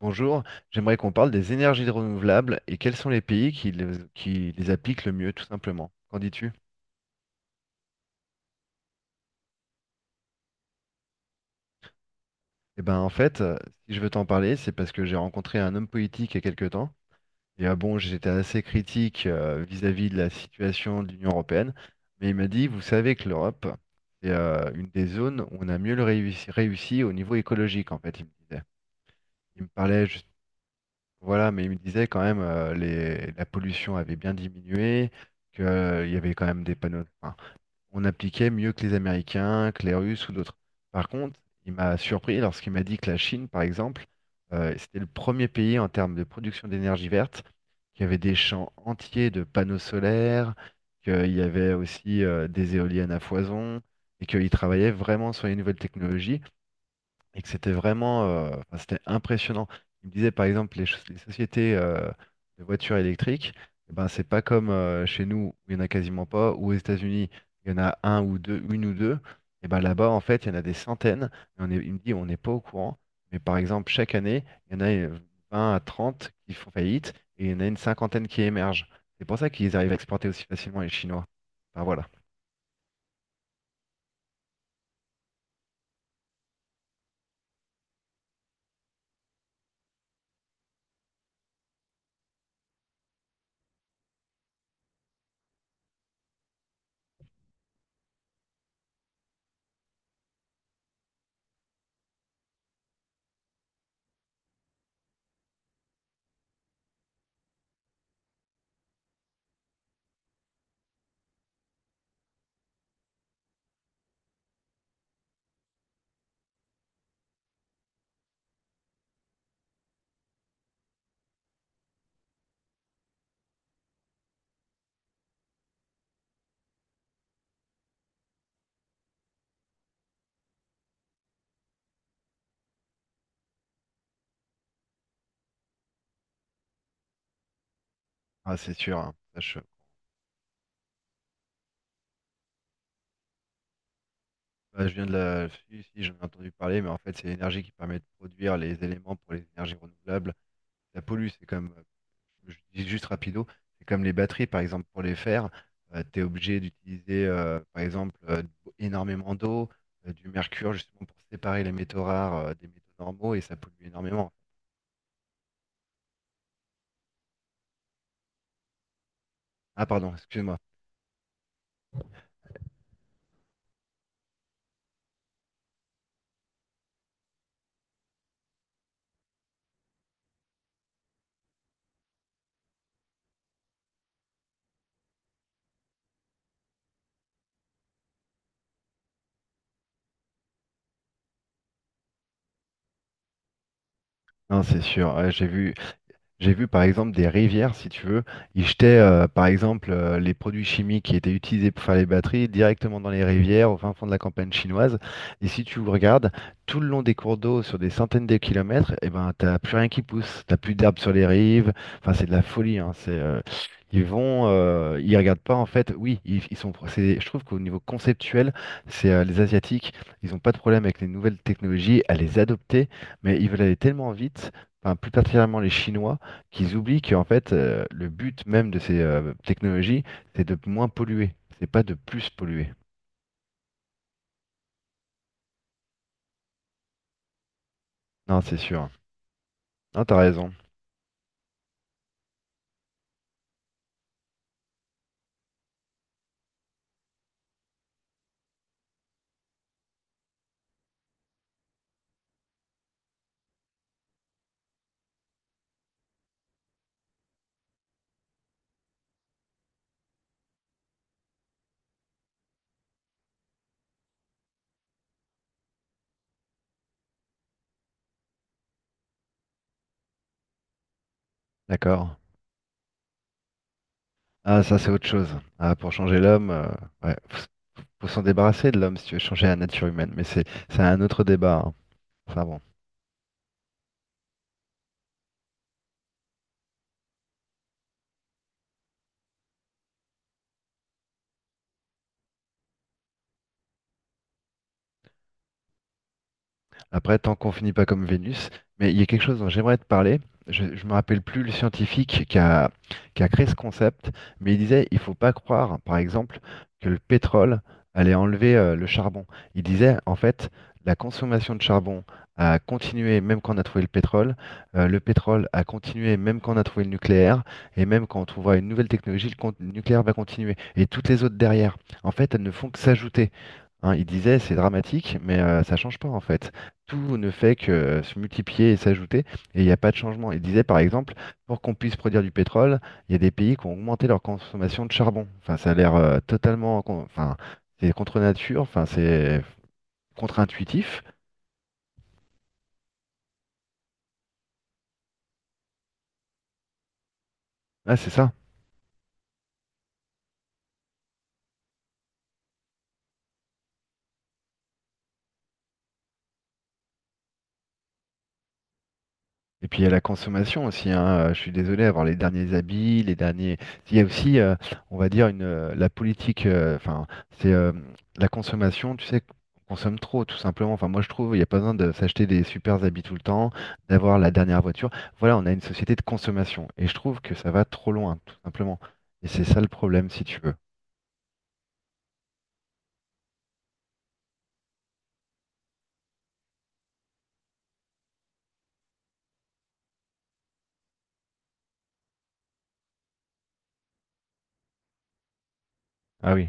Bonjour, j'aimerais qu'on parle des énergies renouvelables et quels sont les pays qui les appliquent le mieux, tout simplement. Qu'en dis-tu? Eh ben, en fait, si je veux t'en parler, c'est parce que j'ai rencontré un homme politique il y a quelques temps. Et bon, j'étais assez critique vis-à-vis de la situation de l'Union européenne, mais il m'a dit, vous savez que l'Europe, c'est une des zones où on a mieux réussi au niveau écologique, en fait, il me disait. Il me parlait juste, voilà, mais il me disait quand même la pollution avait bien diminué, qu'il y avait quand même des panneaux, enfin, on appliquait mieux que les Américains, que les Russes ou d'autres. Par contre, il m'a surpris lorsqu'il m'a dit que la Chine, par exemple, c'était le premier pays en termes de production d'énergie verte, qu'il y avait des champs entiers de panneaux solaires, qu'il y avait aussi des éoliennes à foison, et qu'ils travaillaient vraiment sur les nouvelles technologies, et que c'était vraiment, enfin, c'était impressionnant. Il me disait par exemple les sociétés de voitures électriques, eh ben c'est pas comme chez nous, où il y en a quasiment pas, ou aux États-Unis il y en a un ou deux, une ou deux. Et ben là-bas en fait il y en a des centaines. Et il me dit on n'est pas au courant, mais par exemple chaque année il y en a 20 à trente qui font faillite, et il y en a une cinquantaine qui émergent. C'est pour ça qu'ils arrivent à exporter aussi facilement, les Chinois. Enfin voilà. Ah, c'est sûr, hein. Bah, je viens de la... Si, si, j'en ai entendu parler, mais en fait, c'est l'énergie qui permet de produire les éléments pour les énergies renouvelables. Ça pollue, c'est comme, je dis juste rapido, c'est comme les batteries, par exemple. Pour les faire, tu es obligé d'utiliser, par exemple, énormément d'eau, du mercure, justement, pour séparer les métaux rares, des métaux normaux, et ça pollue énormément. Ah, pardon, excuse-moi. Non, c'est sûr, ouais, j'ai vu. J'ai vu par exemple des rivières, si tu veux, ils jetaient par exemple les produits chimiques qui étaient utilisés pour faire les batteries directement dans les rivières au fin fond de la campagne chinoise. Et si tu regardes tout le long des cours d'eau sur des centaines de kilomètres, eh ben t'as plus rien qui pousse, t'as plus d'herbes sur les rives. Enfin c'est de la folie, hein. C'est ils regardent pas en fait. Oui, ils sont. Je trouve qu'au niveau conceptuel, c'est les Asiatiques, ils ont pas de problème avec les nouvelles technologies à les adopter, mais ils veulent aller tellement vite. Enfin, plus particulièrement les Chinois, qu'ils oublient qu'en fait, le but même de ces technologies, c'est de moins polluer, c'est pas de plus polluer. Non, c'est sûr. Non, t'as raison. D'accord. Ah, ça, c'est autre chose. Ah, pour changer l'homme, ouais, faut s'en débarrasser de l'homme si tu veux changer la nature humaine, mais c'est un autre débat, hein. Enfin bon. Après, tant qu'on finit pas comme Vénus, mais il y a quelque chose dont j'aimerais te parler. Je me rappelle plus le scientifique qui a créé ce concept, mais il disait il faut pas croire, par exemple, que le pétrole allait enlever le charbon. Il disait en fait la consommation de charbon a continué même quand on a trouvé le pétrole a continué même quand on a trouvé le nucléaire, et même quand on trouvera une nouvelle technologie, le nucléaire va continuer, et toutes les autres derrière. En fait, elles ne font que s'ajouter. Hein, il disait, c'est dramatique, mais ça change pas en fait. Tout ne fait que se multiplier et s'ajouter, et il n'y a pas de changement. Il disait par exemple, pour qu'on puisse produire du pétrole, il y a des pays qui ont augmenté leur consommation de charbon. Enfin, ça a l'air totalement, enfin, c'est contre nature, enfin, c'est contre-intuitif. Ah, c'est ça. Et puis il y a la consommation aussi, hein. Je suis désolé, avoir les derniers habits, les derniers. Il y a aussi, on va dire, la politique, enfin, c'est la consommation, tu sais, on consomme trop, tout simplement. Enfin, moi je trouve, il n'y a pas besoin de s'acheter des super habits tout le temps, d'avoir la dernière voiture. Voilà, on a une société de consommation. Et je trouve que ça va trop loin, tout simplement. Et c'est ça le problème, si tu veux. Ah oui.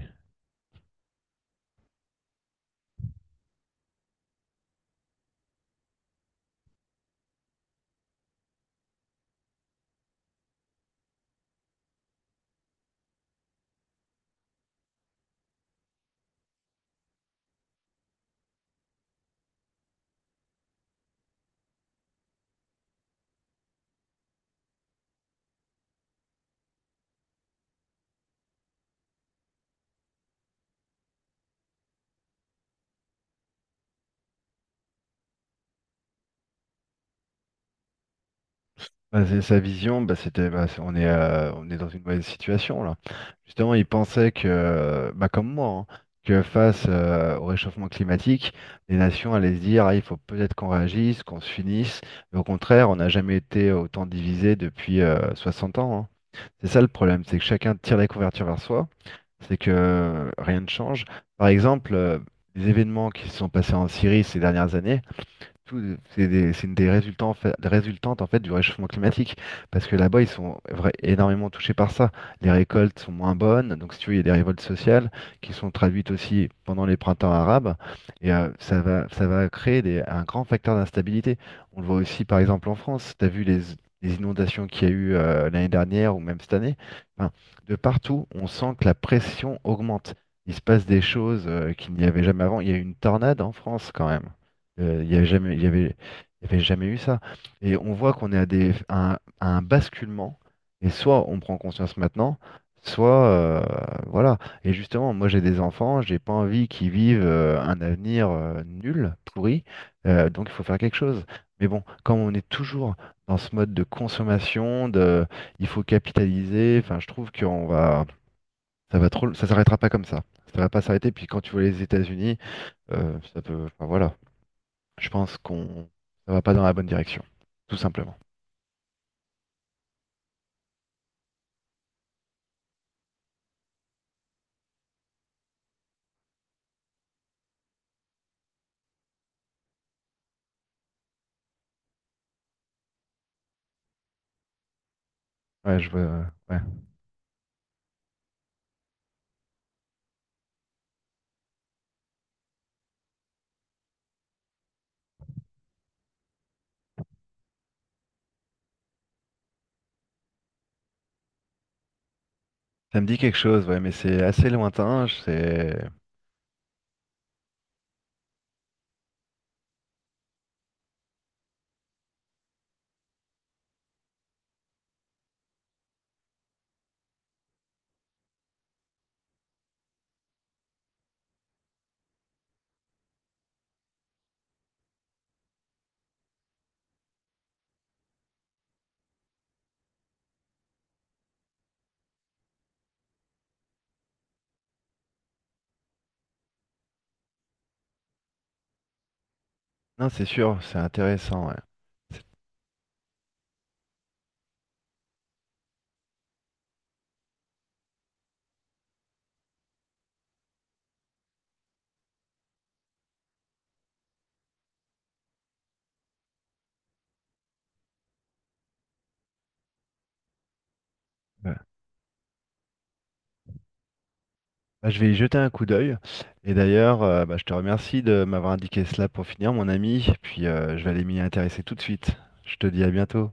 Bah, c'est sa vision. Bah, on est dans une mauvaise situation là. Justement, il pensait que, bah, comme moi, hein, que face au réchauffement climatique, les nations allaient se dire, ah, il faut peut-être qu'on réagisse, qu'on se unisse. Mais au contraire, on n'a jamais été autant divisé depuis 60 ans, hein. C'est ça le problème, c'est que chacun tire les couvertures vers soi, c'est que rien ne change. Par exemple, les événements qui se sont passés en Syrie ces dernières années, c'est des, c'est une des résultants, des résultantes en fait du réchauffement climatique, parce que là-bas ils sont énormément touchés par ça. Les récoltes sont moins bonnes, donc si tu veux, il y a des révoltes sociales qui sont traduites aussi pendant les printemps arabes, et ça va créer un grand facteur d'instabilité. On le voit aussi par exemple en France. Tu as vu les, inondations qu'il y a eu l'année dernière ou même cette année. Enfin, de partout, on sent que la pression augmente. Il se passe des choses qu'il n'y avait jamais avant. Il y a eu une tornade en France, quand même. Il n'y avait jamais, il y avait, Il y avait jamais eu ça. Et on voit qu'on est à un basculement, et soit on prend conscience maintenant, soit voilà. Et justement, moi j'ai des enfants, j'ai pas envie qu'ils vivent un avenir nul, pourri, donc il faut faire quelque chose. Mais bon, quand on est toujours dans ce mode de consommation, il faut capitaliser, enfin je trouve ça va trop, ça s'arrêtera pas comme ça. Ça va pas s'arrêter. Puis quand tu vois les États-Unis, enfin voilà. Je pense qu'on ça va pas dans la bonne direction, tout simplement. Ouais, je vois. Ouais. Ça me dit quelque chose, ouais, mais c'est assez lointain. C'est Non, c'est sûr, c'est intéressant, ouais. C'est- ouais. Bah, je vais y jeter un coup d'œil. Et d'ailleurs, bah, je te remercie de m'avoir indiqué cela pour finir, mon ami. Puis je vais aller m'y intéresser tout de suite. Je te dis à bientôt.